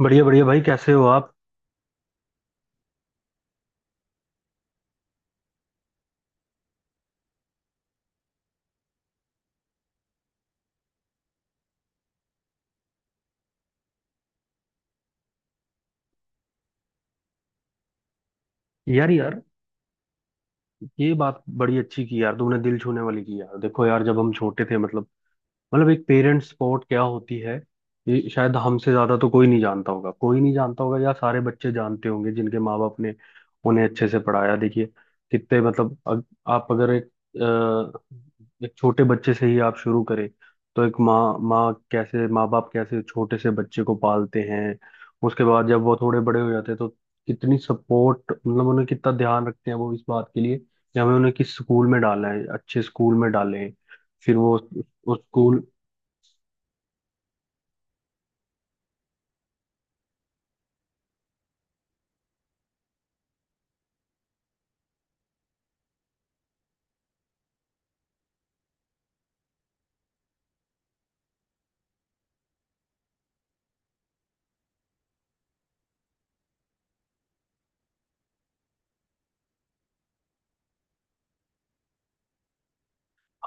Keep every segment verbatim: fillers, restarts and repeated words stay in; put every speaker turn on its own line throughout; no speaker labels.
बढ़िया बढ़िया भाई, कैसे हो आप? यार यार, ये बात बड़ी अच्छी की यार तुमने, दिल छूने वाली की। यार देखो यार, जब हम छोटे थे, मतलब मतलब एक पेरेंट सपोर्ट क्या होती है, ये शायद हमसे ज्यादा तो कोई नहीं जानता होगा। कोई नहीं जानता होगा या सारे बच्चे जानते होंगे जिनके माँ बाप ने उन्हें अच्छे से पढ़ाया। देखिए, कितने मतलब अग, आप अगर एक अ, एक छोटे बच्चे से ही आप शुरू करें, तो एक माँ माँ कैसे माँ बाप कैसे छोटे से बच्चे को पालते हैं। उसके बाद जब वो थोड़े बड़े हो जाते हैं, तो कितनी सपोर्ट मतलब उन्हें कितना ध्यान रखते हैं वो इस बात के लिए कि हमें उन्हें किस स्कूल में डालना है, अच्छे स्कूल में डालें। फिर वो उस स्कूल।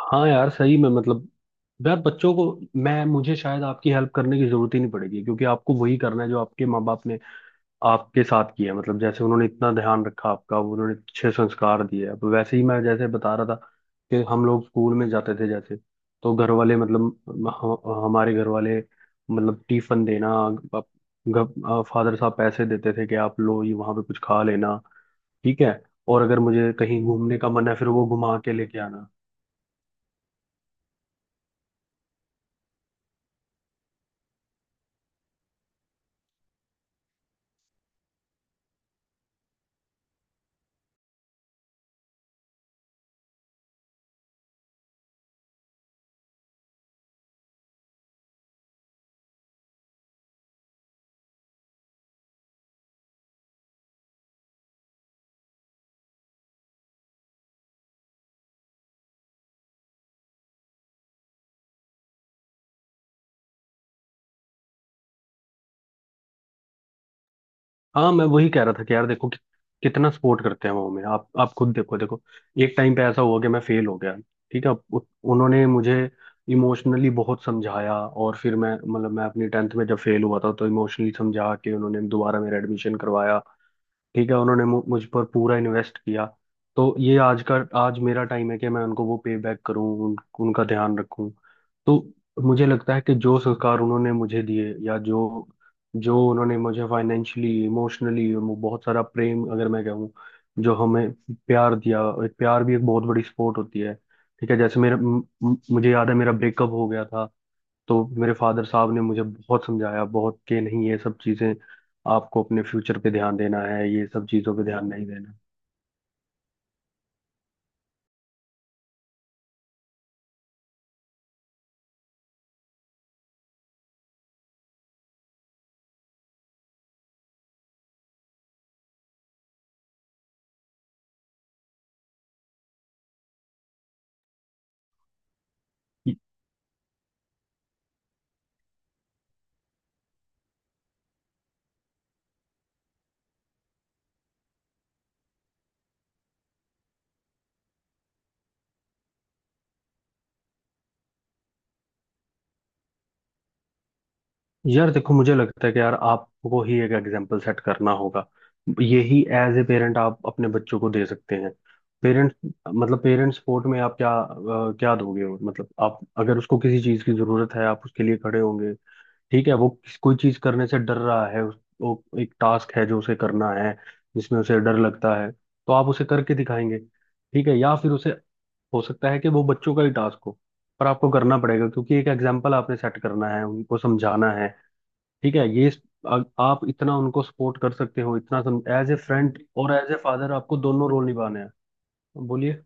हाँ यार, सही में मतलब यार, बच्चों को मैं मुझे शायद आपकी हेल्प करने की जरूरत ही नहीं पड़ेगी, क्योंकि आपको वही करना है जो आपके माँ बाप ने आपके साथ किया है। मतलब जैसे उन्होंने इतना ध्यान रखा आपका, उन्होंने अच्छे संस्कार दिए, अब वैसे ही। मैं जैसे बता रहा था कि हम लोग स्कूल में जाते थे जैसे, तो घर वाले मतलब ह- हमारे घर वाले मतलब टिफिन देना, फादर साहब पैसे देते थे कि आप लो ये, वहां पे कुछ खा लेना, ठीक है। और अगर मुझे कहीं घूमने का मन है, फिर वो घुमा के लेके आना। हाँ, मैं वही कह रहा था कि यार देखो कि कितना सपोर्ट करते हैं वो हमें। आप आप खुद देखो देखो, एक टाइम पे ऐसा हुआ कि मैं फेल हो गया। ठीक है, उ- उन्होंने मुझे इमोशनली बहुत समझाया, और फिर मैं मतलब मैं अपनी टेंथ में जब फेल हुआ था, तो इमोशनली समझा के उन्होंने दोबारा मेरा एडमिशन करवाया। ठीक है, उन्होंने मु- मुझ पर पूरा इन्वेस्ट किया। तो ये आज का, आज मेरा टाइम है कि मैं उनको वो पे बैक करूं, उन, उनका ध्यान रखूं। तो मुझे लगता है कि जो संस्कार उन्होंने मुझे दिए, या जो जो उन्होंने मुझे फाइनेंशियली इमोशनली वो बहुत सारा प्रेम, अगर मैं कहूँ, जो हमें प्यार दिया, एक प्यार भी एक बहुत बड़ी सपोर्ट होती है। ठीक है, जैसे मेरा म- म- मुझे याद है मेरा ब्रेकअप हो गया था, तो मेरे फादर साहब ने मुझे बहुत समझाया बहुत, कि नहीं, ये सब चीज़ें, आपको अपने फ्यूचर पे ध्यान देना है, ये सब चीज़ों पे ध्यान नहीं देना। यार देखो, मुझे लगता है कि यार, आपको ही एक एग्जाम्पल सेट करना होगा। यही एज ए पेरेंट आप अपने बच्चों को दे सकते हैं। पेरेंट्स मतलब पेरेंट्स सपोर्ट में आप क्या अ, क्या दोगे। मतलब आप अगर, उसको किसी चीज़ की ज़रूरत है, आप उसके लिए खड़े होंगे। ठीक है, वो किस- कोई चीज करने से डर रहा है, उस- वो एक टास्क है जो उसे करना है, जिसमें उसे डर लगता है, तो आप उसे करके दिखाएंगे। ठीक है, या फिर उसे, हो सकता है कि वो बच्चों का ही टास्क हो, पर आपको करना पड़ेगा, क्योंकि एक एग्जाम्पल आपने सेट करना है, उनको समझाना है। ठीक है, ये इस- आ- आप इतना उनको सपोर्ट कर सकते हो। इतना एज ए फ्रेंड और एज ए फादर, आपको दोनों रोल निभाने हैं। बोलिए।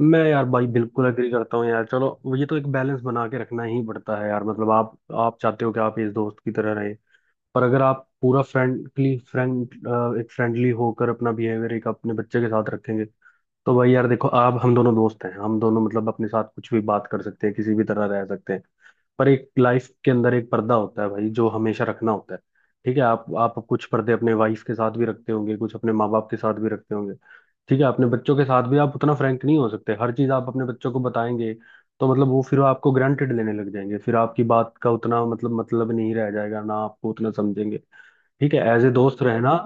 मैं यार भाई बिल्कुल एग्री करता हूँ यार। चलो, ये तो एक बैलेंस बना के रखना ही पड़ता है यार। मतलब आप आप चाहते हो कि आप इस दोस्त की तरह रहे, पर अगर आप पूरा फ्रेंडली फ्रेंड, एक फ्रेंडली होकर अपना बिहेवियर एक अपने बच्चे के साथ रखेंगे, तो भाई यार देखो, आप हम दोनों दोस्त हैं, हम दोनों मतलब अपने साथ कुछ भी बात कर सकते हैं, किसी भी तरह रह सकते हैं। पर एक लाइफ के अंदर एक पर्दा होता है भाई, जो हमेशा रखना होता है। ठीक है, आप आप कुछ पर्दे अपने वाइफ के साथ भी रखते होंगे, कुछ अपने माँ बाप के साथ भी रखते होंगे। ठीक है, अपने बच्चों के साथ भी आप उतना फ्रैंक नहीं हो सकते, हर चीज आप अपने बच्चों को बताएंगे तो मतलब वो फिर आपको ग्रांटेड लेने लग जाएंगे, फिर आपकी बात का उतना मतलब मतलब नहीं रह जाएगा ना, आपको उतना समझेंगे। ठीक है, एज ए दोस्त रहना।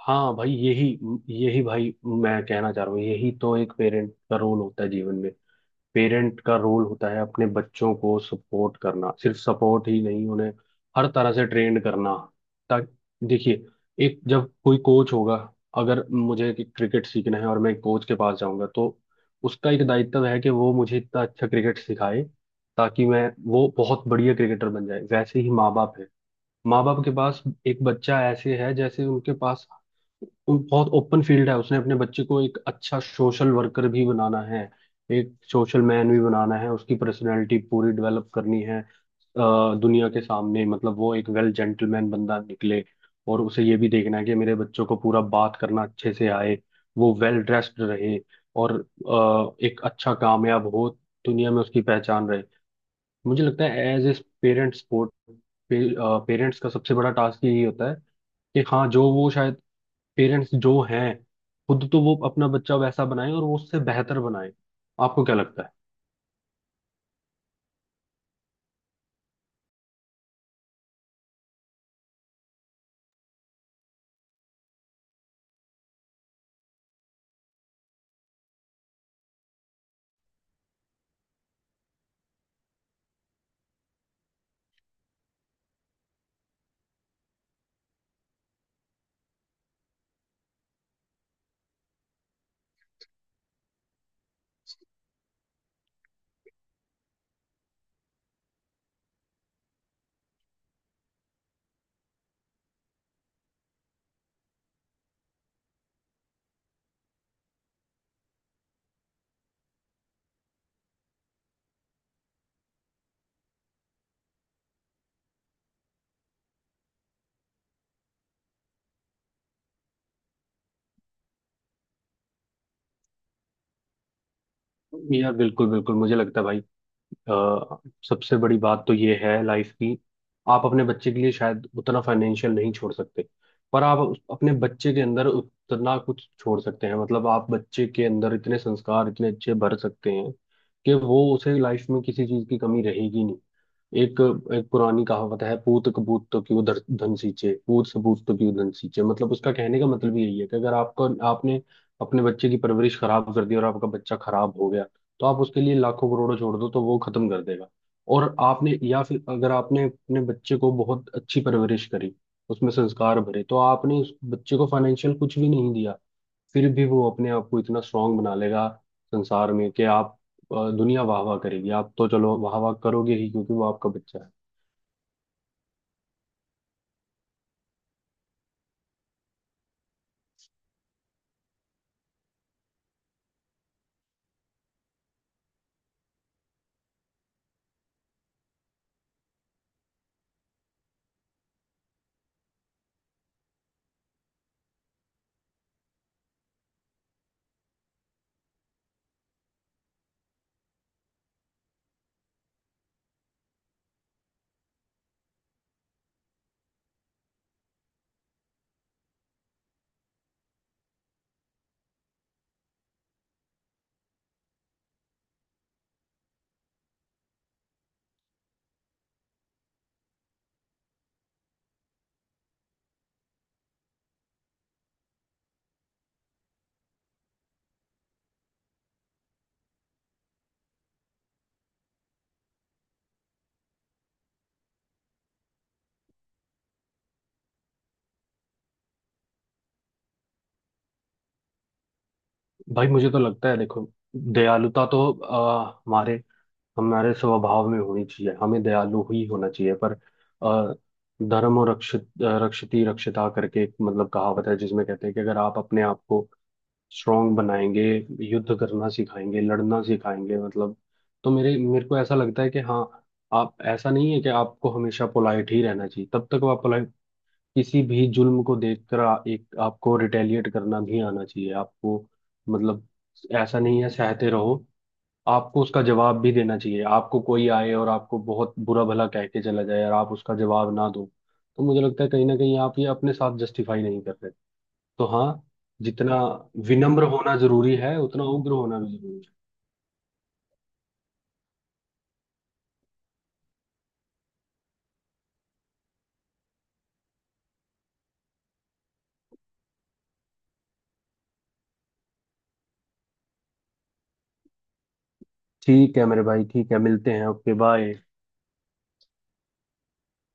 हाँ भाई, यही यही भाई मैं कहना चाह रहा हूँ, यही तो एक पेरेंट का रोल होता है जीवन में। पेरेंट का रोल होता है अपने बच्चों को सपोर्ट करना, सिर्फ सपोर्ट ही नहीं, उन्हें हर तरह से ट्रेंड करना। ताकि देखिए, एक जब कोई कोच होगा, अगर मुझे क्रिकेट सीखना है और मैं कोच के पास जाऊंगा, तो उसका एक दायित्व है कि वो मुझे इतना अच्छा क्रिकेट सिखाए ताकि मैं वो बहुत बढ़िया क्रिकेटर बन जाए। वैसे ही माँ बाप माँ बाप के पास एक बच्चा ऐसे है, जैसे उनके पास उन- बहुत ओपन फील्ड है। उसने अपने बच्चे को एक अच्छा सोशल वर्कर भी बनाना है, एक सोशल मैन भी बनाना है, उसकी पर्सनैलिटी पूरी डेवलप करनी है, अ, दुनिया के सामने मतलब वो एक वेल जेंटलमैन बंदा निकले। और उसे ये भी देखना है कि मेरे बच्चों को पूरा बात करना अच्छे से आए, वो वेल ड्रेस्ड रहे, और अ, एक अच्छा कामयाब हो, दुनिया में उसकी पहचान रहे। मुझे लगता है as a parent support, parents का सबसे बड़ा टास्क यही होता है कि हाँ, जो वो शायद पेरेंट्स जो हैं खुद, तो वो अपना बच्चा वैसा बनाए, और वो उससे बेहतर बनाए। आपको क्या लगता है? यार बिल्कुल बिल्कुल, मुझे लगता है भाई, अ, सबसे बड़ी बात तो ये है लाइफ की, आप अपने बच्चे के लिए शायद उतना फाइनेंशियल नहीं छोड़ सकते, पर आप उस- अपने बच्चे के अंदर उतना कुछ छोड़ सकते हैं। मतलब आप बच्चे के अंदर इतने संस्कार, इतने अच्छे भर सकते हैं कि वो उसे लाइफ में किसी चीज की कमी रहेगी नहीं। एक एक पुरानी कहावत है, पूत कपूत तो क्यों धर- धन सींचे, पूत सबूत तो क्यों धन सींचे। मतलब उसका कहने का मतलब यही है कि अगर आपको, आपने अपने बच्चे की परवरिश खराब कर दी और आपका बच्चा खराब हो गया, तो आप उसके लिए लाखों करोड़ों छोड़ दो तो वो खत्म कर देगा। और आपने, या फिर अगर आपने अपने बच्चे को बहुत अच्छी परवरिश करी, उसमें संस्कार भरे, तो आपने उस बच्चे को फाइनेंशियल कुछ भी नहीं दिया, फिर भी वो अपने आप को इतना स्ट्रांग बना लेगा संसार में कि आप, अ, दुनिया वाह वाह करेगी, आप तो चलो वाह वाह करोगे ही क्योंकि वो आपका बच्चा है। भाई मुझे तो लगता है, देखो, दयालुता तो अ, हमारे हमारे स्वभाव में होनी चाहिए, हमें दयालु ही होना चाहिए। पर अ, धर्म और रक्षित रक्षिति रक्षिता करके एक मतलब कहावत है, जिसमें कहते हैं कि अगर आप अपने आप को स्ट्रांग बनाएंगे, युद्ध करना सिखाएंगे, लड़ना सिखाएंगे मतलब, तो मेरे मेरे को ऐसा लगता है कि हाँ, आप, ऐसा नहीं है कि आपको हमेशा पोलाइट ही रहना चाहिए, तब तक आप पोलाइट, किसी भी जुल्म को देखकर आ- एक आपको रिटेलिएट करना भी आना चाहिए आपको। मतलब ऐसा नहीं है सहते रहो, आपको उसका जवाब भी देना चाहिए। आपको कोई आए और आपको बहुत बुरा भला कह के चला जाए और आप उसका जवाब ना दो, तो मुझे लगता है कहीं ना कहीं आप ये अपने साथ जस्टिफाई नहीं कर रहे। तो हाँ, जितना विनम्र होना जरूरी है, उतना उग्र होना भी जरूरी है। ठीक है मेरे भाई, ठीक है, मिलते हैं, ओके बाय।